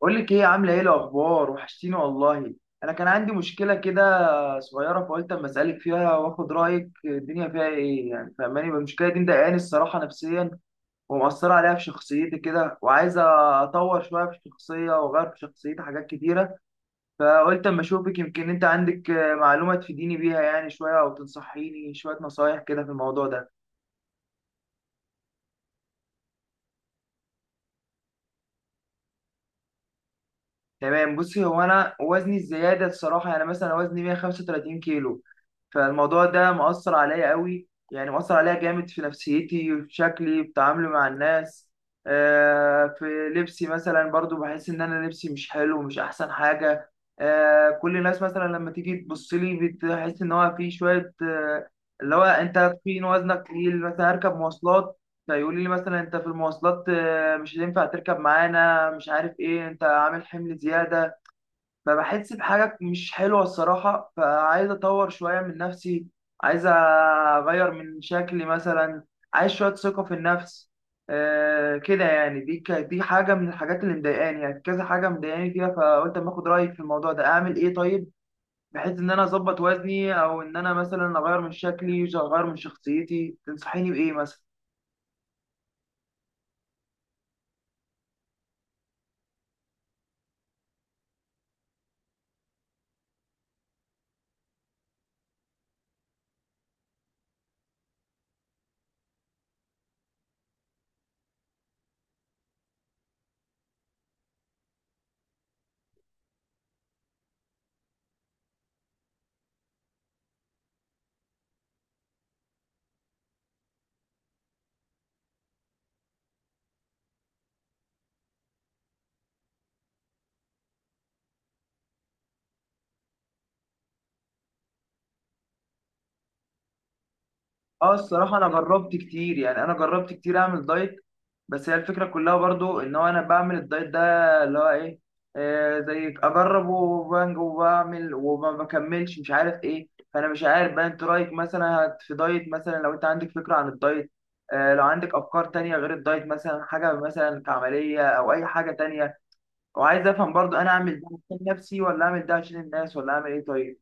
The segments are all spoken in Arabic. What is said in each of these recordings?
بقول لك ايه؟ عامله ايه؟ الاخبار؟ وحشتيني والله. انا كان عندي مشكله كده صغيره، فقلت اما اسالك فيها واخد رايك. الدنيا فيها ايه يعني؟ فاهماني؟ المشكله دي مضايقاني الصراحه نفسيا، ومأثره عليها في شخصيتي كده، وعايزه اطور شويه في الشخصيه واغير في شخصيتي حاجات كتيره. فقلت اما اشوفك، يمكن انت عندك معلومه تفيديني بيها يعني شويه، او تنصحيني شويه نصايح كده في الموضوع ده. تمام. بصي، هو انا وزني الزياده الصراحه، يعني مثلا وزني 135 كيلو. فالموضوع ده مؤثر عليا قوي، يعني مؤثر عليا جامد في نفسيتي وفي شكلي في تعاملي مع الناس. في لبسي مثلا برضو بحس ان انا لبسي مش حلو، مش احسن حاجة. كل الناس مثلا لما تيجي تبص لي بتحس ان هو في شوية اللي هو انت تخين، وزنك تقيل. مثلا هركب مواصلات فيقول لي مثلا: انت في المواصلات مش هينفع تركب معانا، مش عارف ايه، انت عامل حمل زيادة. فبحس بحاجة مش حلوة الصراحة، فعايز أطور شوية من نفسي، عايز أغير من شكلي مثلا، عايز شوية ثقة في النفس. آه كده يعني. دي دي حاجة من الحاجات اللي مضايقاني، يعني كذا حاجة مضايقاني فيها، فقلت أما آخد رأيك في الموضوع ده. أعمل إيه طيب؟ بحيث إن أنا أظبط وزني، أو إن أنا مثلا أغير من شكلي، أغير من شخصيتي. تنصحيني بإيه مثلا؟ اه الصراحة أنا جربت كتير، يعني أنا جربت كتير أعمل دايت، بس هي الفكرة كلها برضو إن هو أنا بعمل الدايت ده اللي هو إيه، آه زي أجرب وبنج وبعمل وما بكملش، مش عارف إيه. فأنا مش عارف بقى أنت رأيك مثلا، في دايت مثلا، لو أنت عندك فكرة عن الدايت. آه لو عندك أفكار تانية غير الدايت مثلا، حاجة مثلا كعملية أو أي حاجة تانية. وعايز أفهم برضو، أنا أعمل ده عشان نفسي، ولا أعمل ده عشان الناس، ولا أعمل إيه طيب؟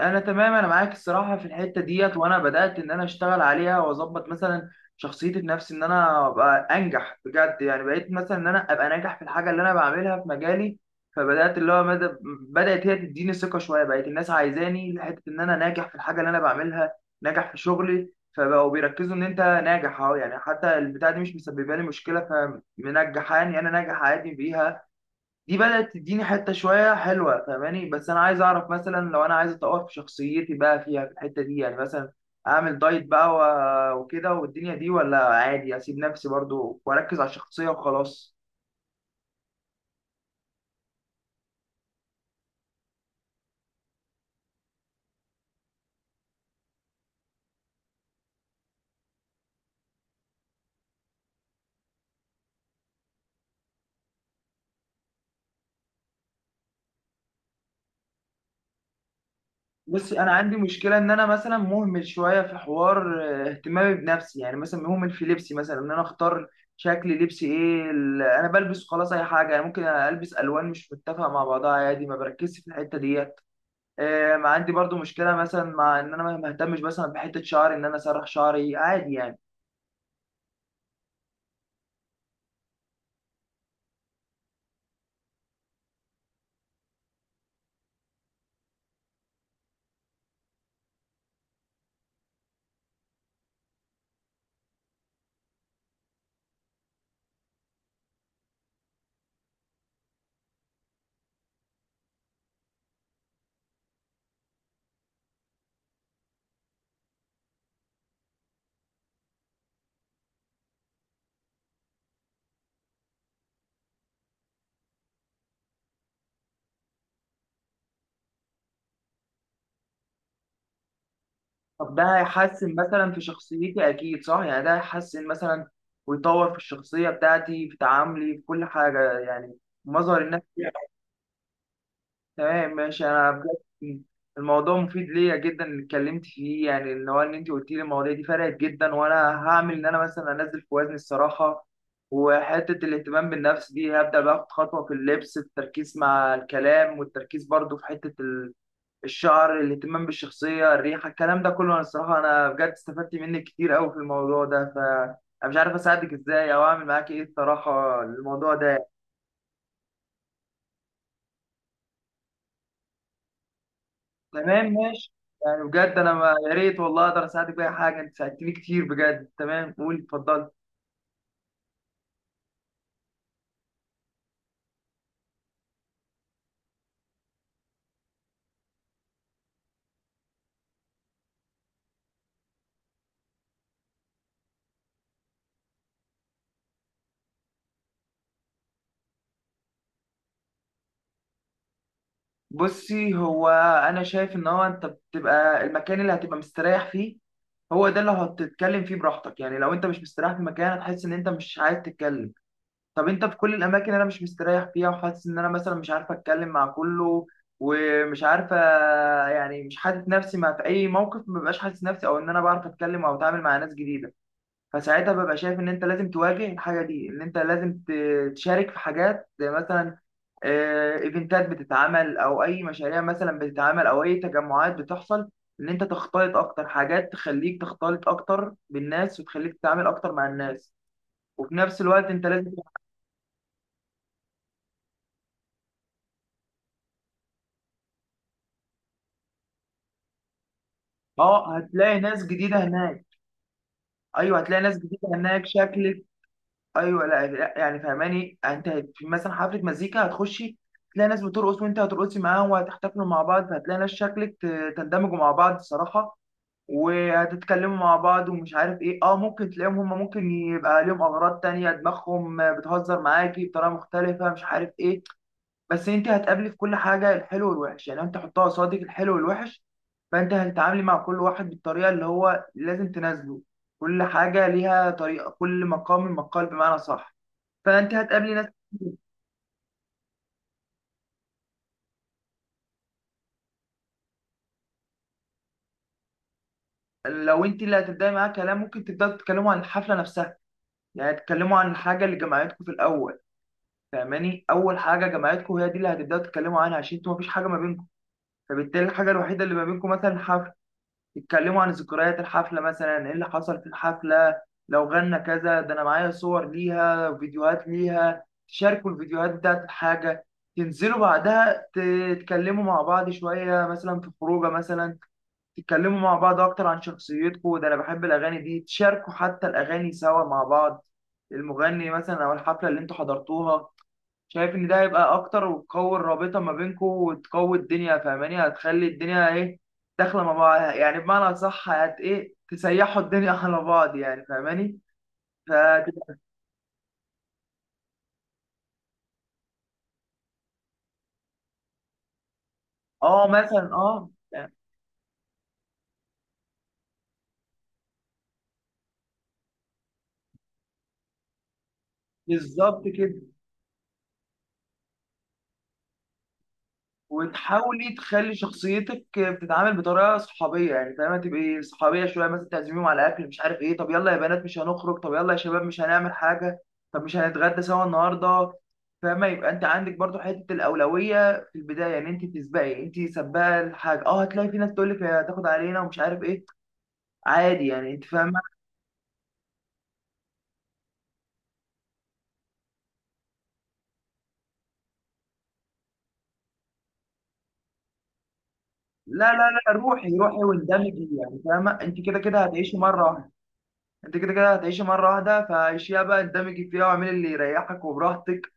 انا تمام، انا معاك الصراحه في الحته ديت. وانا بدات ان انا اشتغل عليها، واظبط مثلا شخصيتي في نفسي، ان انا ابقى انجح بجد. يعني بقيت مثلا ان انا ابقى ناجح في الحاجه اللي انا بعملها في مجالي. فبدات اللي هو مدى، بدات هي تديني ثقه شويه، بقت الناس عايزاني لحته ان انا ناجح في الحاجه اللي انا بعملها، ناجح في شغلي. فبقوا بيركزوا ان انت ناجح اهو، يعني حتى البتاع دي مش مسببه لي مشكله، فمنجحاني، انا ناجح عادي بيها. دي بدأت تديني حتة شوية حلوة، فاهماني؟ بس أنا عايز أعرف مثلا، لو أنا عايز أطور في شخصيتي بقى، فيها في الحتة دي يعني، مثلا أعمل دايت بقى وكده والدنيا دي، ولا عادي أسيب نفسي برضو وأركز على الشخصية وخلاص؟ بصي، أنا عندي مشكلة إن أنا مثلا مهمل شوية في حوار اهتمامي بنفسي. يعني مثلا مهمل في لبسي، مثلا إن أنا أختار شكل لبسي إيه، أنا بلبس خلاص أي حاجة، يعني ممكن ألبس ألوان مش متفقة مع بعضها عادي، ما بركزش في الحتة دي. ما عندي برضو مشكله مثلا، مع ان انا ما اهتمش مثلا بحته شعري، ان انا اسرح شعري عادي يعني. طب ده هيحسن مثلا في شخصيتي اكيد صح؟ يعني ده هيحسن مثلا ويطور في الشخصيه بتاعتي، في تعاملي، في كل حاجه يعني مظهر الناس؟ تمام ماشي. انا بجد الموضوع مفيد ليا جدا اللي اتكلمت فيه، يعني اللي هو ان انت قلت لي المواضيع دي فرقت جدا. وانا هعمل ان انا مثلا انزل في وزني الصراحه، وحته الاهتمام بالنفس دي هبدا باخد خطوه في اللبس، التركيز مع الكلام، والتركيز برضو في حته الشعر، الاهتمام بالشخصيه، الريحه، الكلام ده كله. انا الصراحه انا بجد استفدت منك كتير قوي في الموضوع ده. انا مش عارف اساعدك ازاي او اعمل معاك ايه الصراحه، الموضوع ده. تمام ماشي، يعني بجد انا ما، يا ريت والله اقدر اساعدك باي حاجه، انت ساعدتني كتير بجد. تمام، قول اتفضل. بصي، هو انا شايف ان هو انت بتبقى المكان اللي هتبقى مستريح فيه، هو ده اللي هتتكلم فيه براحتك. يعني لو انت مش مستريح في مكان، هتحس ان انت مش عايز تتكلم. طب انت في كل الاماكن اللي انا مش مستريح فيها، وحاسس ان انا مثلا مش عارف اتكلم مع كله، ومش عارفه، يعني مش حاسس نفسي، مع في اي موقف ما ببقاش حاسس نفسي، او ان انا بعرف اتكلم او اتعامل مع ناس جديده. فساعتها ببقى شايف ان انت لازم تواجه الحاجه دي، ان انت لازم تشارك في حاجات، زي مثلا ايفنتات بتتعمل، او اي مشاريع مثلا بتتعمل، او اي تجمعات بتحصل، ان انت تختلط اكتر. حاجات تخليك تختلط اكتر بالناس، وتخليك تتعامل اكتر مع الناس. وفي نفس الوقت انت لازم. اه هتلاقي ناس جديده هناك. ايوه هتلاقي ناس جديده هناك شكل. ايوه. لا لا، يعني فهماني انت، في مثلا حفله مزيكا هتخشي، تلاقي ناس بترقص وانت هترقصي معاهم، وهتحتفلوا مع بعض، فهتلاقي ناس شكلك تندمجوا مع بعض صراحه، وهتتكلموا مع بعض ومش عارف ايه. اه ممكن تلاقيهم هم، ممكن يبقى لهم اغراض تانية، دماغهم بتهزر معاكي بطريقه مختلفه، مش عارف ايه. بس انت هتقابلي في كل حاجه الحلو والوحش، يعني انت حطها قصادك الحلو والوحش. فانت هتتعاملي مع كل واحد بالطريقه اللي هو لازم تنازله، كل حاجه ليها طريقه، كل مقام مقال، بمعنى صح. فانت هتقابلي ناس. لو انت اللي هتبداي معاها كلام، ممكن تبداوا تتكلموا عن الحفله نفسها، يعني تتكلموا عن الحاجه اللي جمعتكم في الاول. فاهماني؟ اول حاجه جمعتكم هي دي اللي هتبداوا تتكلموا عنها، عشان انتوا مفيش حاجه ما بينكم. فبالتالي الحاجه الوحيده اللي ما بينكم مثلا الحفله، تتكلموا عن ذكريات الحفله، مثلا ايه اللي حصل في الحفله، لو غنى كذا، ده انا معايا صور ليها، فيديوهات ليها، تشاركوا الفيديوهات بتاعت الحاجه، تنزلوا بعدها تتكلموا مع بعض شويه مثلا في خروجه مثلا، تتكلموا مع بعض اكتر عن شخصيتكم: ده انا بحب الاغاني دي، تشاركوا حتى الاغاني سوا مع بعض، المغني مثلا او الحفله اللي انتوا حضرتوها. شايف ان ده هيبقى اكتر، وتقوي الرابطه ما بينكم وتقوي الدنيا. فاهماني؟ هتخلي الدنيا ايه، داخله مع بعض، يعني بمعنى صح هت ايه تسيحوا الدنيا على بعض يعني، فاهماني؟ فتبقى. اه مثلا اه يعني. بالظبط كده. وتحاولي تخلي شخصيتك بتتعامل بطريقه صحابيه، يعني فاهمه؟ تبقي صحابيه شويه، مثلا تعزميهم على اكل مش عارف ايه: طب يلا يا بنات، مش هنخرج؟ طب يلا يا شباب، مش هنعمل حاجه؟ طب مش هنتغدى سوا النهارده؟ فاهمه؟ يبقى انت عندك برضو حته الاولويه في البدايه، يعني انت تسبقي، انت سباقه الحاجه. اه هتلاقي في ناس تقول لك هتاخد علينا ومش عارف ايه، عادي يعني، انت فاهمه. لا لا، لا روحي روحي واندمجي، يعني فاهمه؟ انت كده كده هتعيشي مره واحده. انت كده كده هتعيشي مره واحده، فعيشيها بقى، اندمجي فيها واعملي اللي يريحك وبراحتك.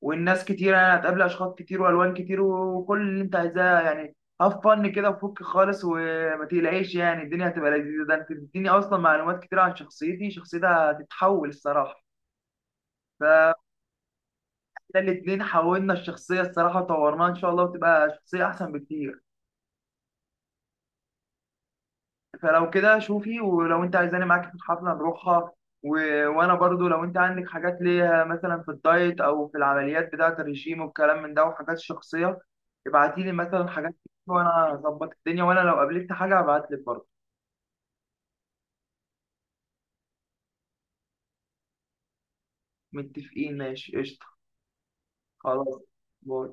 والناس كتير يعني، هتقابل اشخاص كتير والوان كتير، وكل اللي انت عايزاه يعني. هاف فن كده وفك خالص وما تقلقيش يعني، الدنيا هتبقى لذيذه. ده انت بتديني اصلا معلومات كتير عن شخصيتي، شخصيتها هتتحول الصراحه. فاحنا الاتنين حولنا الشخصيه الصراحه وطورناها ان شاء الله، وتبقى شخصيه احسن بكتير. فلو كده شوفي، ولو انت عايزاني معاكي في الحفله نروحها و... وانا برضو لو انت عندك حاجات ليها مثلا في الدايت، او في العمليات بتاعه الرجيم والكلام من ده، وحاجات شخصيه، ابعتي لي مثلا حاجات. وانا هظبط الدنيا، وانا لو قابلت حاجه هبعت لك برضو. متفقين ماشي قشطه. خلاص، باي.